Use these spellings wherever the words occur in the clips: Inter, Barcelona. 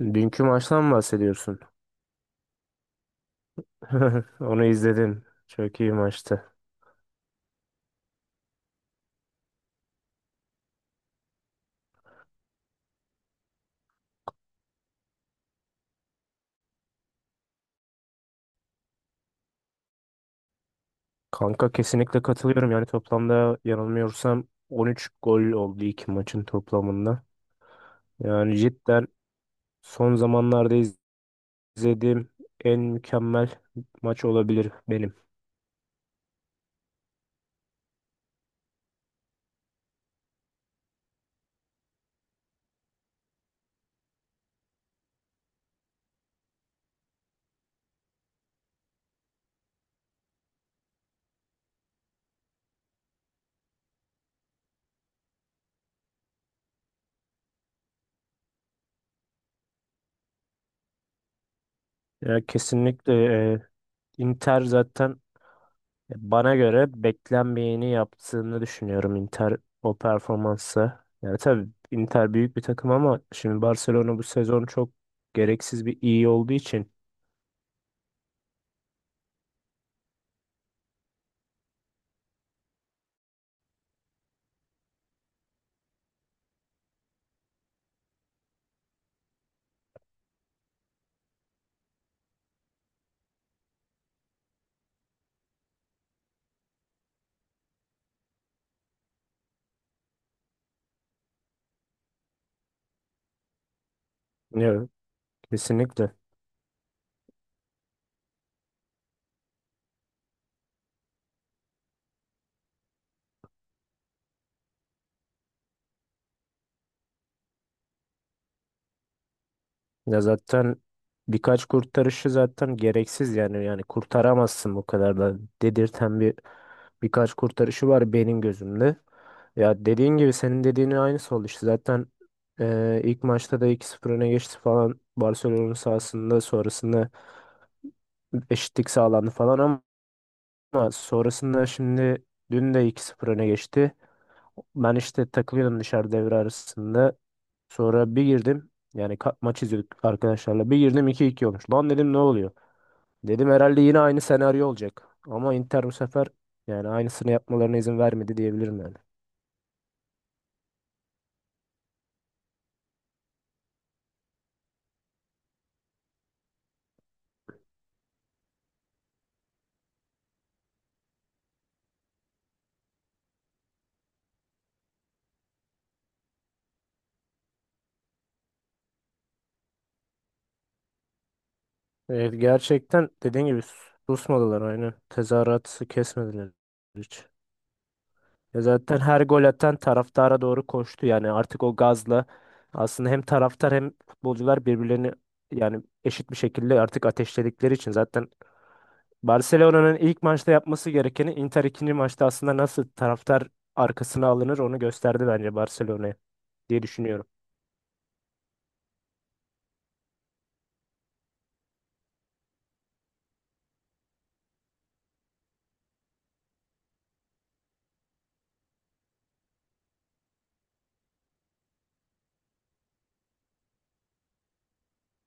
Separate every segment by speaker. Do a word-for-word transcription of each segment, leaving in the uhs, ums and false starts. Speaker 1: Dünkü maçtan mı bahsediyorsun? Onu izledim. Çok iyi maçtı. Kanka kesinlikle katılıyorum. Yani toplamda yanılmıyorsam on üç gol oldu iki maçın toplamında. Yani cidden son zamanlarda iz- izlediğim en mükemmel maç olabilir benim. Ya kesinlikle, e, Inter zaten bana göre beklenmeyeni yaptığını düşünüyorum, Inter o performansı. Yani tabii Inter büyük bir takım ama şimdi Barcelona bu sezon çok gereksiz bir iyi olduğu için. Evet, kesinlikle. Ya zaten birkaç kurtarışı zaten gereksiz, yani yani kurtaramazsın bu kadar da dedirten bir birkaç kurtarışı var benim gözümde. Ya dediğin gibi senin dediğinin aynısı oldu işte zaten, e, ilk maçta da iki sıfır öne geçti falan Barcelona sahasında, sonrasında eşitlik sağlandı falan ama sonrasında şimdi dün de iki sıfır öne geçti. Ben işte takılıyordum dışarı devre arasında. Sonra bir girdim. Yani ka- maç izliyorduk arkadaşlarla. Bir girdim, iki iki olmuş. Lan dedim ne oluyor? Dedim herhalde yine aynı senaryo olacak. Ama Inter bu sefer yani aynısını yapmalarına izin vermedi diyebilirim yani. Evet, gerçekten dediğin gibi susmadılar, aynı. Tezahüratı kesmediler hiç. Ya zaten her gol atan taraftara doğru koştu, yani artık o gazla aslında hem taraftar hem futbolcular birbirlerini yani eşit bir şekilde artık ateşledikleri için zaten Barcelona'nın ilk maçta yapması gerekeni Inter ikinci maçta aslında nasıl taraftar arkasına alınır onu gösterdi bence Barcelona'ya diye düşünüyorum.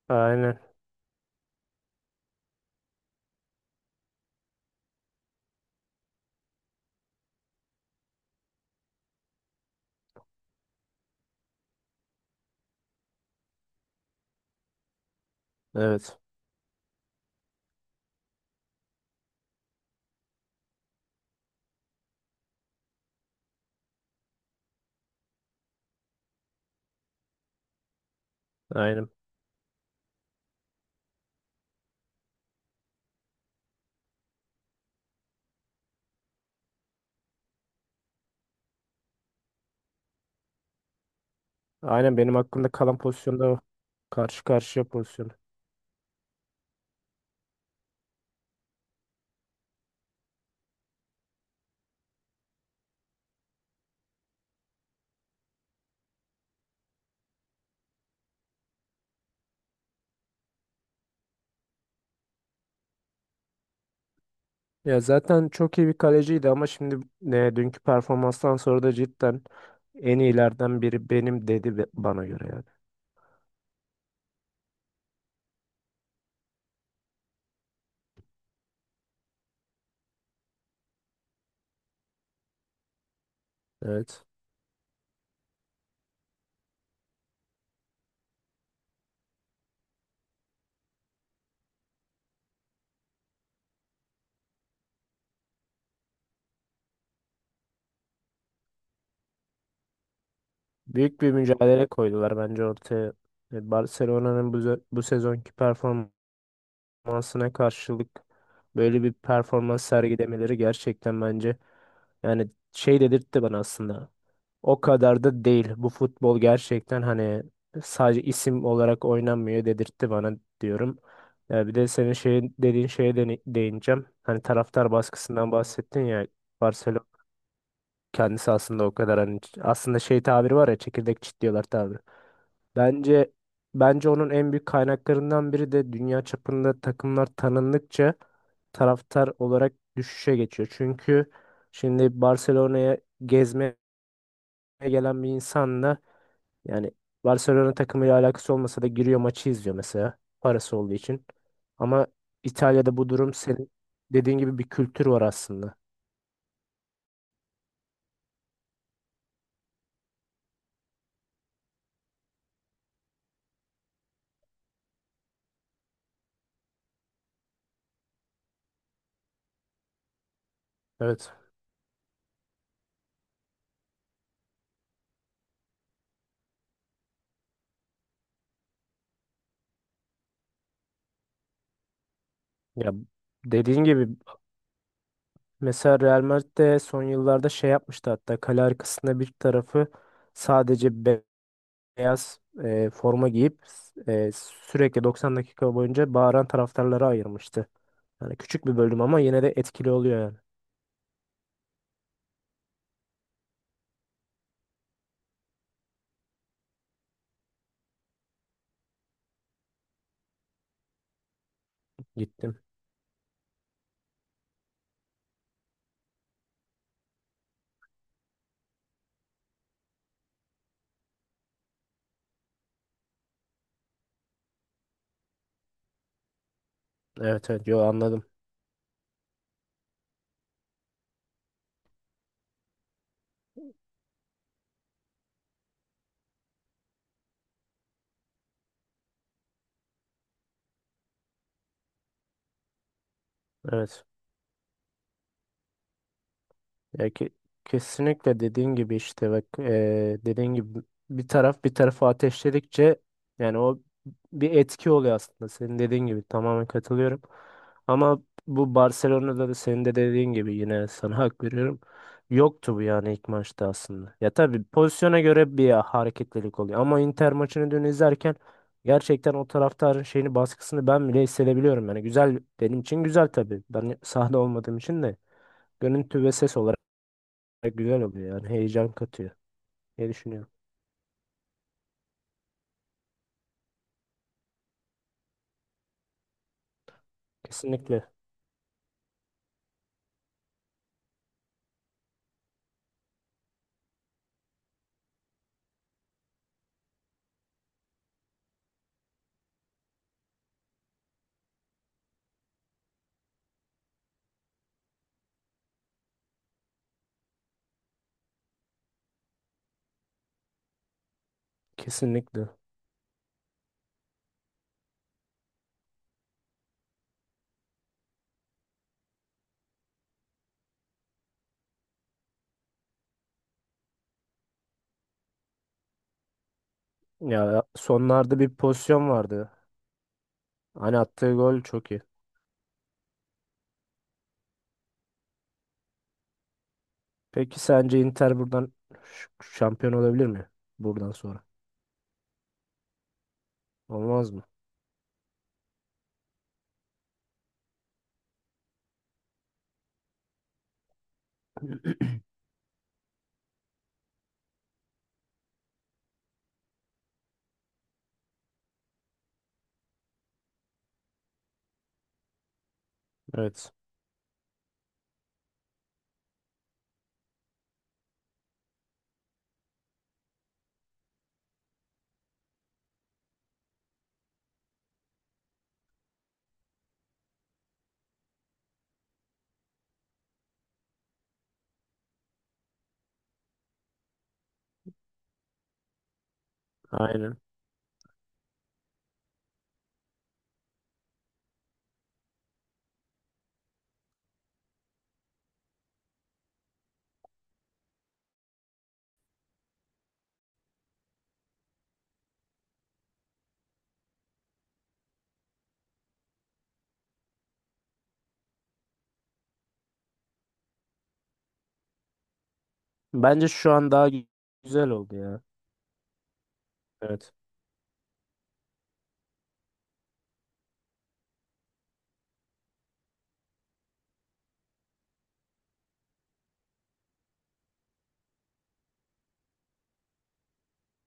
Speaker 1: Aynen. Evet. Aynen. Aynen benim aklımda kalan pozisyonda o. Karşı karşıya pozisyon. Ya zaten çok iyi bir kaleciydi ama şimdi, e, dünkü performanstan sonra da cidden en iyilerden biri benim dedi be- bana göre yani. Evet. Büyük bir mücadele koydular bence ortaya. E, Barcelona'nın bu, ze- bu sezonki performansına karşılık böyle bir performans sergilemeleri gerçekten bence yani şey dedirtti bana aslında. O kadar da değil. Bu futbol gerçekten hani sadece isim olarak oynanmıyor dedirtti bana diyorum. Ya bir de senin şeyin dediğin şeye de değineceğim. Hani taraftar baskısından bahsettin ya. Barcelona kendisi aslında o kadar hani aslında şey tabiri var ya, çekirdek çitliyorlar tabiri. Bence bence onun en büyük kaynaklarından biri de dünya çapında takımlar tanındıkça taraftar olarak düşüşe geçiyor. Çünkü şimdi Barcelona'ya gezmeye gelen bir insanla yani Barcelona takımıyla alakası olmasa da giriyor, maçı izliyor mesela, parası olduğu için. Ama İtalya'da bu durum senin dediğin gibi bir kültür var aslında. Evet. Ya dediğin gibi mesela Real Madrid de son yıllarda şey yapmıştı, hatta kale arkasında bir tarafı sadece be- beyaz, e, forma giyip, e, sürekli doksan dakika boyunca bağıran taraftarlara ayırmıştı. Yani küçük bir bölüm ama yine de etkili oluyor yani. Gittim. Evet, evet, yo, anladım. Evet. Ya ke- kesinlikle dediğin gibi, işte bak, eee dediğin gibi bir taraf bir tarafı ateşledikçe yani o bir etki oluyor aslında, senin dediğin gibi tamamen katılıyorum. Ama bu Barcelona'da da senin de dediğin gibi yine sana hak veriyorum. Yoktu bu yani ilk maçta aslında. Ya tabii pozisyona göre bir hareketlilik oluyor ama Inter maçını dün izlerken gerçekten o taraftarın şeyini, baskısını ben bile hissedebiliyorum. Yani güzel, benim için güzel tabii. Ben sahada olmadığım için de görüntü ve ses olarak güzel oluyor, yani heyecan katıyor diye düşünüyorum. Kesinlikle. Kesinlikle. Ya sonlarda bir pozisyon vardı. Hani attığı gol çok iyi. Peki sence Inter buradan ş- şampiyon olabilir mi? Buradan sonra. Olmaz mı? Evet. Aynen. Bence şu an daha gü- güzel oldu ya. Evet.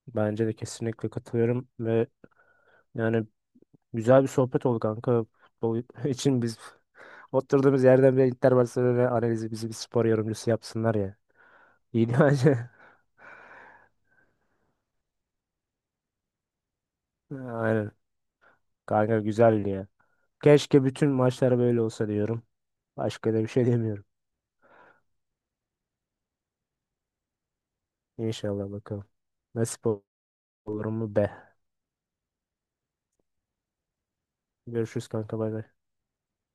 Speaker 1: Bence de kesinlikle katılıyorum ve yani güzel bir sohbet oldu kanka. Futbol için biz oturduğumuz yerden bile Inter Barcelona analizi, bizi bir spor yorumcusu yapsınlar ya. İyi bence. Aynen. Kanka güzeldi ya. Keşke bütün maçlar böyle olsa diyorum. Başka da bir şey demiyorum. İnşallah bakalım. Nasip ol- olur mu be. Görüşürüz kanka, bay bay.